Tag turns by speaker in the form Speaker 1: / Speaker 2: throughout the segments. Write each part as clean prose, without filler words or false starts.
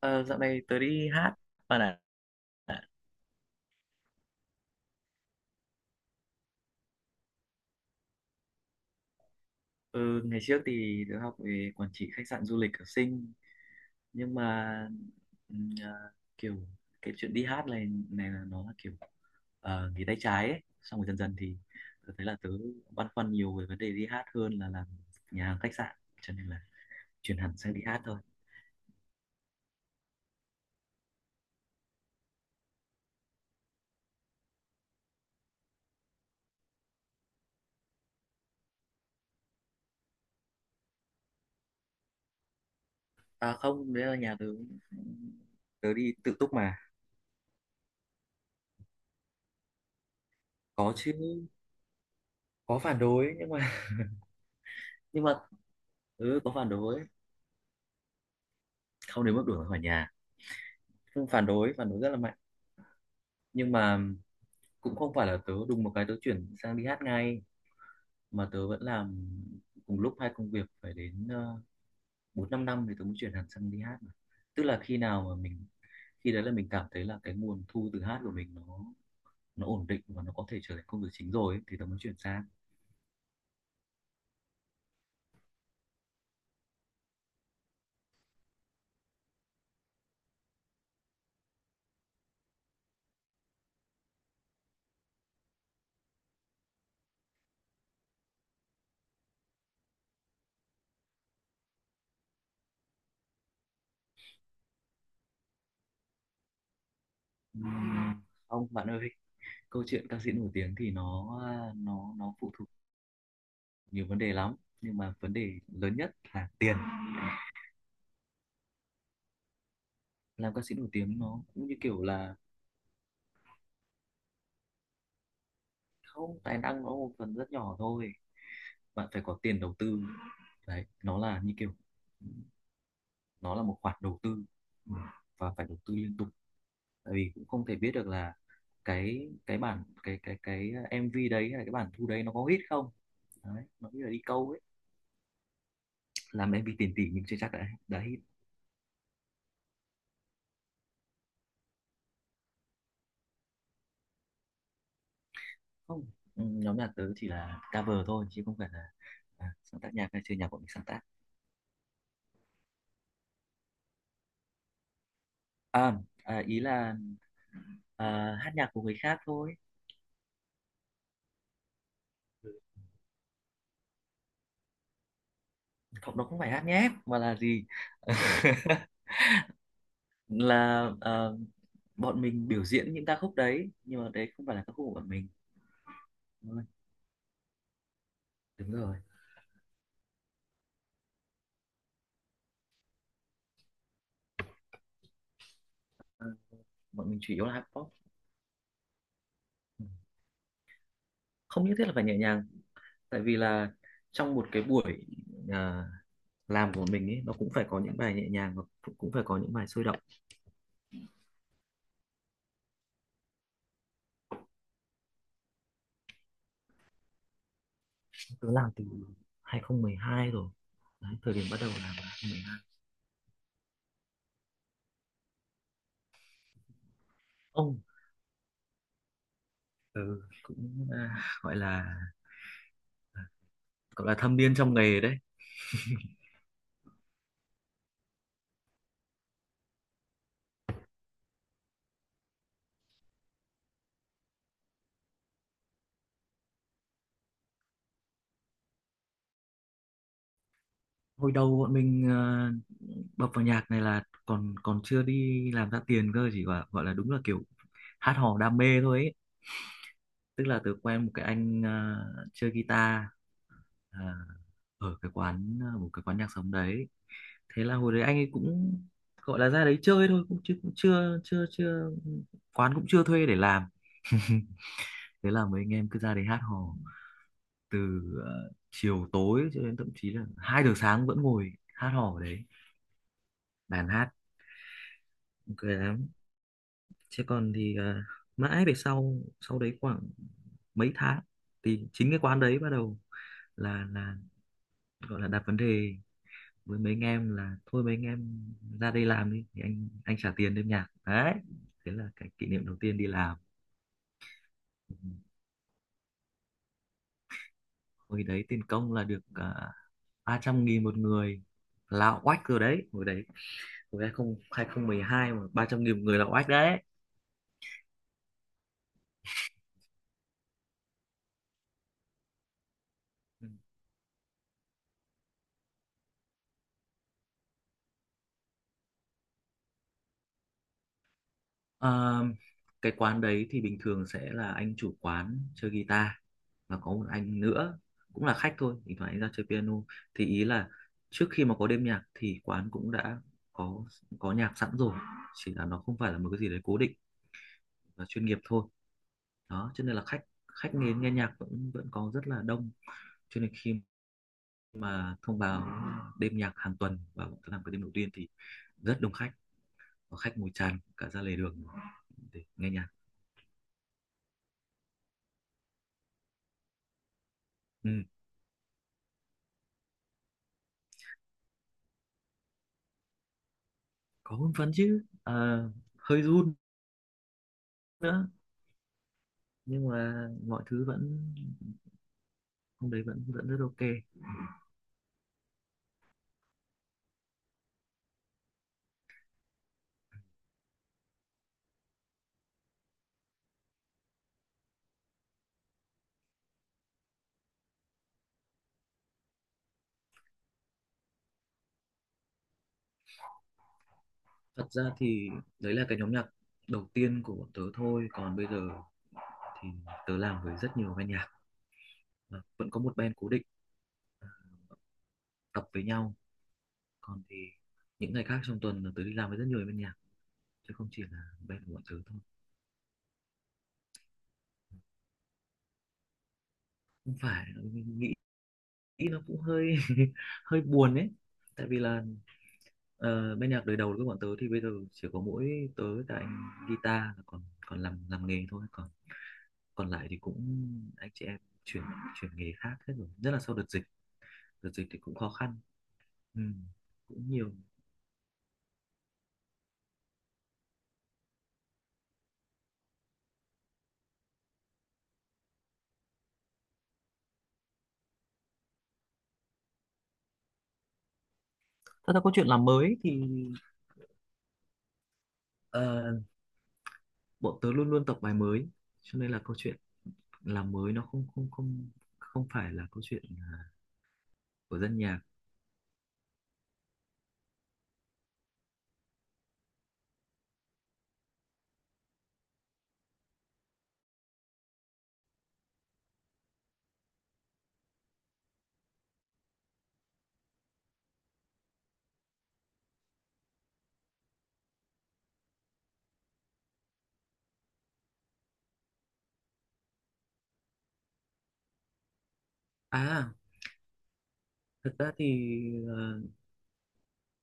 Speaker 1: Ờ, Dạo này tớ đi hát ở Đà Nẵng. Ừ, ngày trước thì tớ học về quản trị khách sạn du lịch ở Sinh, nhưng mà ừm, à, kiểu cái chuyện đi hát này này là nó là kiểu nghề tay trái ấy. Xong rồi dần dần thì tớ thấy là tớ băn khoăn nhiều về vấn đề đi hát hơn là làm nhà hàng khách sạn, cho nên là chuyển hẳn sang đi hát thôi. À không, đấy là nhà tớ, tớ đi tự túc mà. Có chứ, có phản đối, nhưng mà nhưng mà ừ, có phản đối, không đến mức đuổi ra khỏi nhà. Phương phản đối rất là mạnh, nhưng mà cũng không phải là tớ đùng một cái tớ chuyển sang đi hát ngay, mà tớ vẫn làm cùng lúc hai công việc, phải đến bốn năm năm thì tớ mới chuyển hẳn sang đi hát mà. Tức là khi nào mà mình, khi đấy là mình cảm thấy là cái nguồn thu từ hát của mình nó ổn định và nó có thể trở thành công việc chính rồi ấy, thì tớ mới chuyển sang. Ừm, ông bạn ơi, câu chuyện ca sĩ nổi tiếng thì nó ờ, nó phụ thuộc nhiều vấn đề lắm, nhưng mà vấn đề lớn nhất là tiền. Làm ca sĩ nổi tiếng nó cũng như kiểu là, không, tài năng nó một phần rất nhỏ thôi, bạn phải có tiền đầu tư. Đấy nó là như kiểu, nó là một khoản đầu tư. Ừ. Và phải đầu tư liên tục, tại vì cũng không thể biết được là cái bản cái MV đấy hay là cái bản thu đấy nó có hit không, đấy nó như là đi câu ấy. Làm MV tiền tỷ nhưng chưa chắc đã hit. Không. Ừ, nhóm nhạc tớ chỉ là cover thôi, chứ không phải là sáng tác nhạc hay chơi nhạc của mình sáng tác. à, ý là, hát nhạc của người khác thôi. Không, nó không phải hát nhép, mà là gì? Là bọn mình biểu diễn những ca khúc đấy, nhưng mà đấy không phải là ca khúc của bọn mình. Đúng rồi, đúng rồi. Ờ, Bọn mình chủ yếu là hát pop. Ừ. Không nhất thiết là phải nhẹ nhàng, tại vì là, trong một cái buổi à, làm của mình ấy, nó cũng phải có những bài nhẹ nhàng và cũng cũng phải có những bài sôi động. Tớ làm từ 2012 rồi đấy, thời điểm bắt đầu làm là 2012. Ông, ừ, cũng gọi là, thâm niên trong nghề đấy. Hồi đầu bọn mình bập vào nhạc này là còn còn chưa đi làm ra tiền cơ, chỉ gọi gọi là, đúng là kiểu hát hò đam mê thôi ấy. Tức là tớ quen một cái anh chơi guitar, ờ, ở cái quán, một cái quán nhạc sống đấy. Thế là hồi đấy anh ấy cũng gọi là ra đấy chơi thôi, cũng chứ cũng chưa chưa chưa quán cũng chưa thuê để làm. Thế là mấy anh em cứ ra đấy hát hò, từ chiều tối cho đến thậm chí là 2 giờ sáng vẫn ngồi hát hò ở đấy, đàn hát. Ok. Chứ còn thì mãi về sau sau đấy khoảng mấy tháng, thì chính cái quán đấy bắt đầu là gọi là đặt vấn đề với mấy anh em là thôi mấy anh em ra đây làm đi thì anh trả tiền đêm nhạc đấy. Thế là cái kỷ niệm đầu tiên đi làm. Hồi đấy tiền công là được 300.000 một người là oách rồi đấy hồi đấy. Hồi 2000 2012 mà 300.000 một người là oách đấy. Ờ, cái quán đấy thì bình thường sẽ là anh chủ quán chơi guitar, và có một anh nữa cũng là khách thôi, thỉnh thoảng anh ra chơi piano. Thì ý là trước khi mà có đêm nhạc thì quán cũng đã có có nhạc sẵn rồi, chỉ là nó không phải là một cái gì đấy cố định và chuyên nghiệp thôi đó, cho nên là khách khách nghe nghe nhạc vẫn vẫn có rất là đông. Cho nên khi mà thông báo đêm nhạc hàng tuần và làm cái đêm đầu tiên thì rất đông khách, và khách ngồi tràn cả ra lề đường để nghe nhạc. Ừ. Có hưng phấn chứ. Ờ, Hơi run nữa, nhưng mà mọi thứ vẫn, hôm đấy vẫn vẫn rất ok. Thật ra thì đấy là cái nhóm nhạc đầu tiên của bọn tớ thôi, còn bây giờ thì tớ làm với rất nhiều ban nhạc. Và vẫn có một band cố định tập với nhau, còn thì những ngày khác trong tuần là tớ đi làm với rất nhiều ban nhạc chứ không chỉ là band của bọn tớ thôi. Không phải, nghĩ nghĩ nó cũng hơi hơi buồn ấy, tại vì là, bên nhạc đời đầu của bọn tớ thì bây giờ chỉ có mỗi tớ và anh guitar là còn còn làm nghề thôi, còn còn lại thì cũng anh chị em chuyển chuyển nghề khác hết rồi, nhất là sau đợt dịch. Đợt dịch thì cũng khó khăn. Ừ, cũng nhiều. Thật ra câu chuyện làm mới thì, Ờ, bọn tớ luôn luôn tập bài mới, cho nên là câu chuyện làm mới nó không không không không phải là câu chuyện của dân nhạc. à Thật ra thì ờ,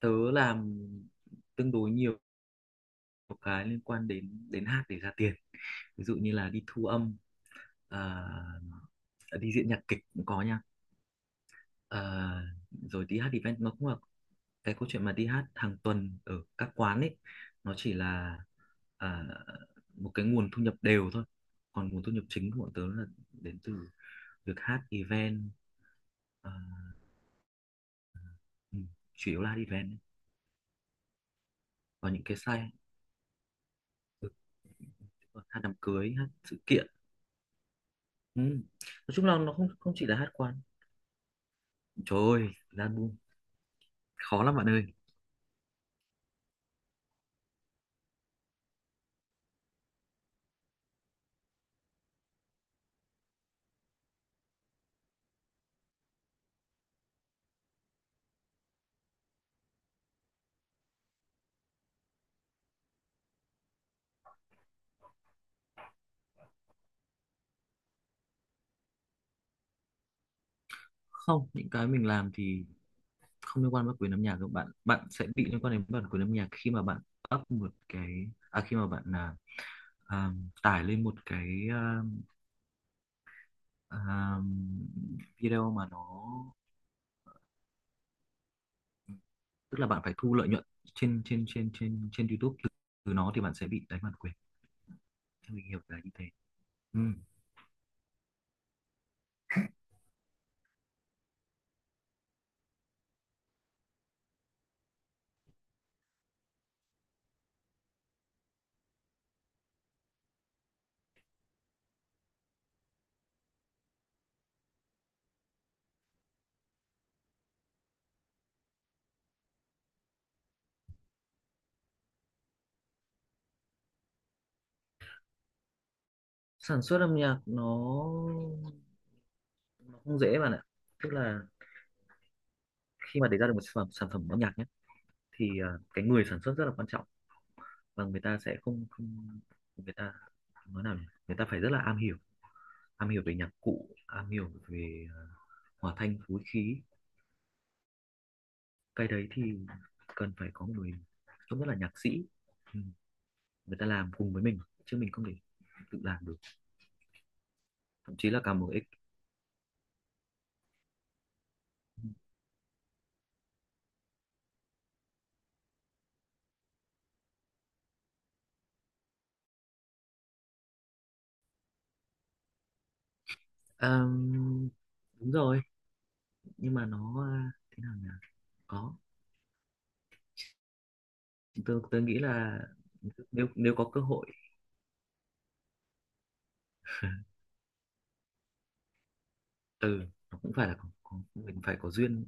Speaker 1: tớ làm tương đối nhiều, một cái liên quan đến đến hát để ra tiền, ví dụ như là đi thu âm, à, đi diễn nhạc kịch cũng có nha. À, rồi đi hát event nó cũng là, cái câu chuyện mà đi hát hàng tuần ở các quán ấy, nó chỉ là à, một cái nguồn thu nhập đều thôi, còn nguồn thu nhập chính của bọn tớ là đến từ việc hát event, à, ừ, chủ yếu là hát event ấy. Và những cái site, hát đám cưới, hát sự kiện. Ừ. Nói chung là nó không, không chỉ là hát quán. Trời ơi, ra khó lắm bạn ơi. Không, những cái mình làm thì không liên quan với quyền âm nhạc đâu bạn bạn sẽ bị liên quan đến bản quyền âm nhạc khi mà bạn up một cái, khi mà bạn là, à, tải lên một cái, à, video mà nó, tức là bạn phải thu lợi nhuận trên trên trên trên trên YouTube từ nó thì bạn sẽ bị đánh bản quyền. Theo mình hiểu là như thế. Ừ. Sản xuất âm nhạc nó không dễ bạn ạ. Tức là khi mà để ra được một sản phẩm âm nhạc nhé, thì cái người sản xuất rất là quan trọng. Và người ta sẽ không, người ta nói nào nhỉ? Người ta phải rất là am hiểu về nhạc cụ, am hiểu về hòa thanh phối khí. Cái đấy thì cần phải có người trông rất là nhạc sĩ. Ừ, người ta làm cùng với mình chứ mình không thể tự làm được. Thậm chí là cả một ích. Ờm, Đúng rồi, nhưng mà nó thế nào nhỉ, có, tôi nghĩ là, nếu nếu có cơ hội. Ừ, nó cũng phải là có, mình phải có duyên.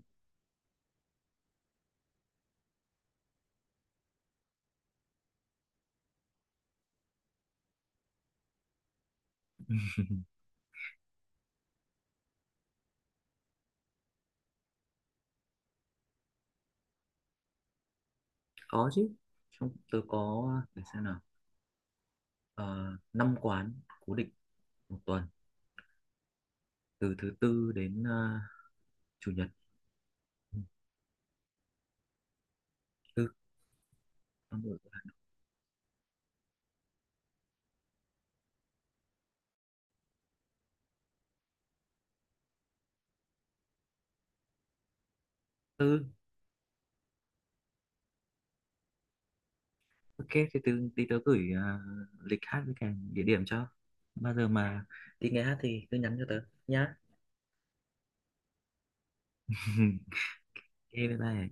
Speaker 1: Có chứ, trong tôi có, để xem nào, ờ, năm quán cố định một tuần, từ thứ tư đến chủ nhật. Ừ, tư thứ tư. Ok. Thì từ tí tớ gửi lịch hát với cả địa điểm cho. Bao giờ mà đi nghe hát thì cứ nhắn cho tớ nhá. Ok, bye bye.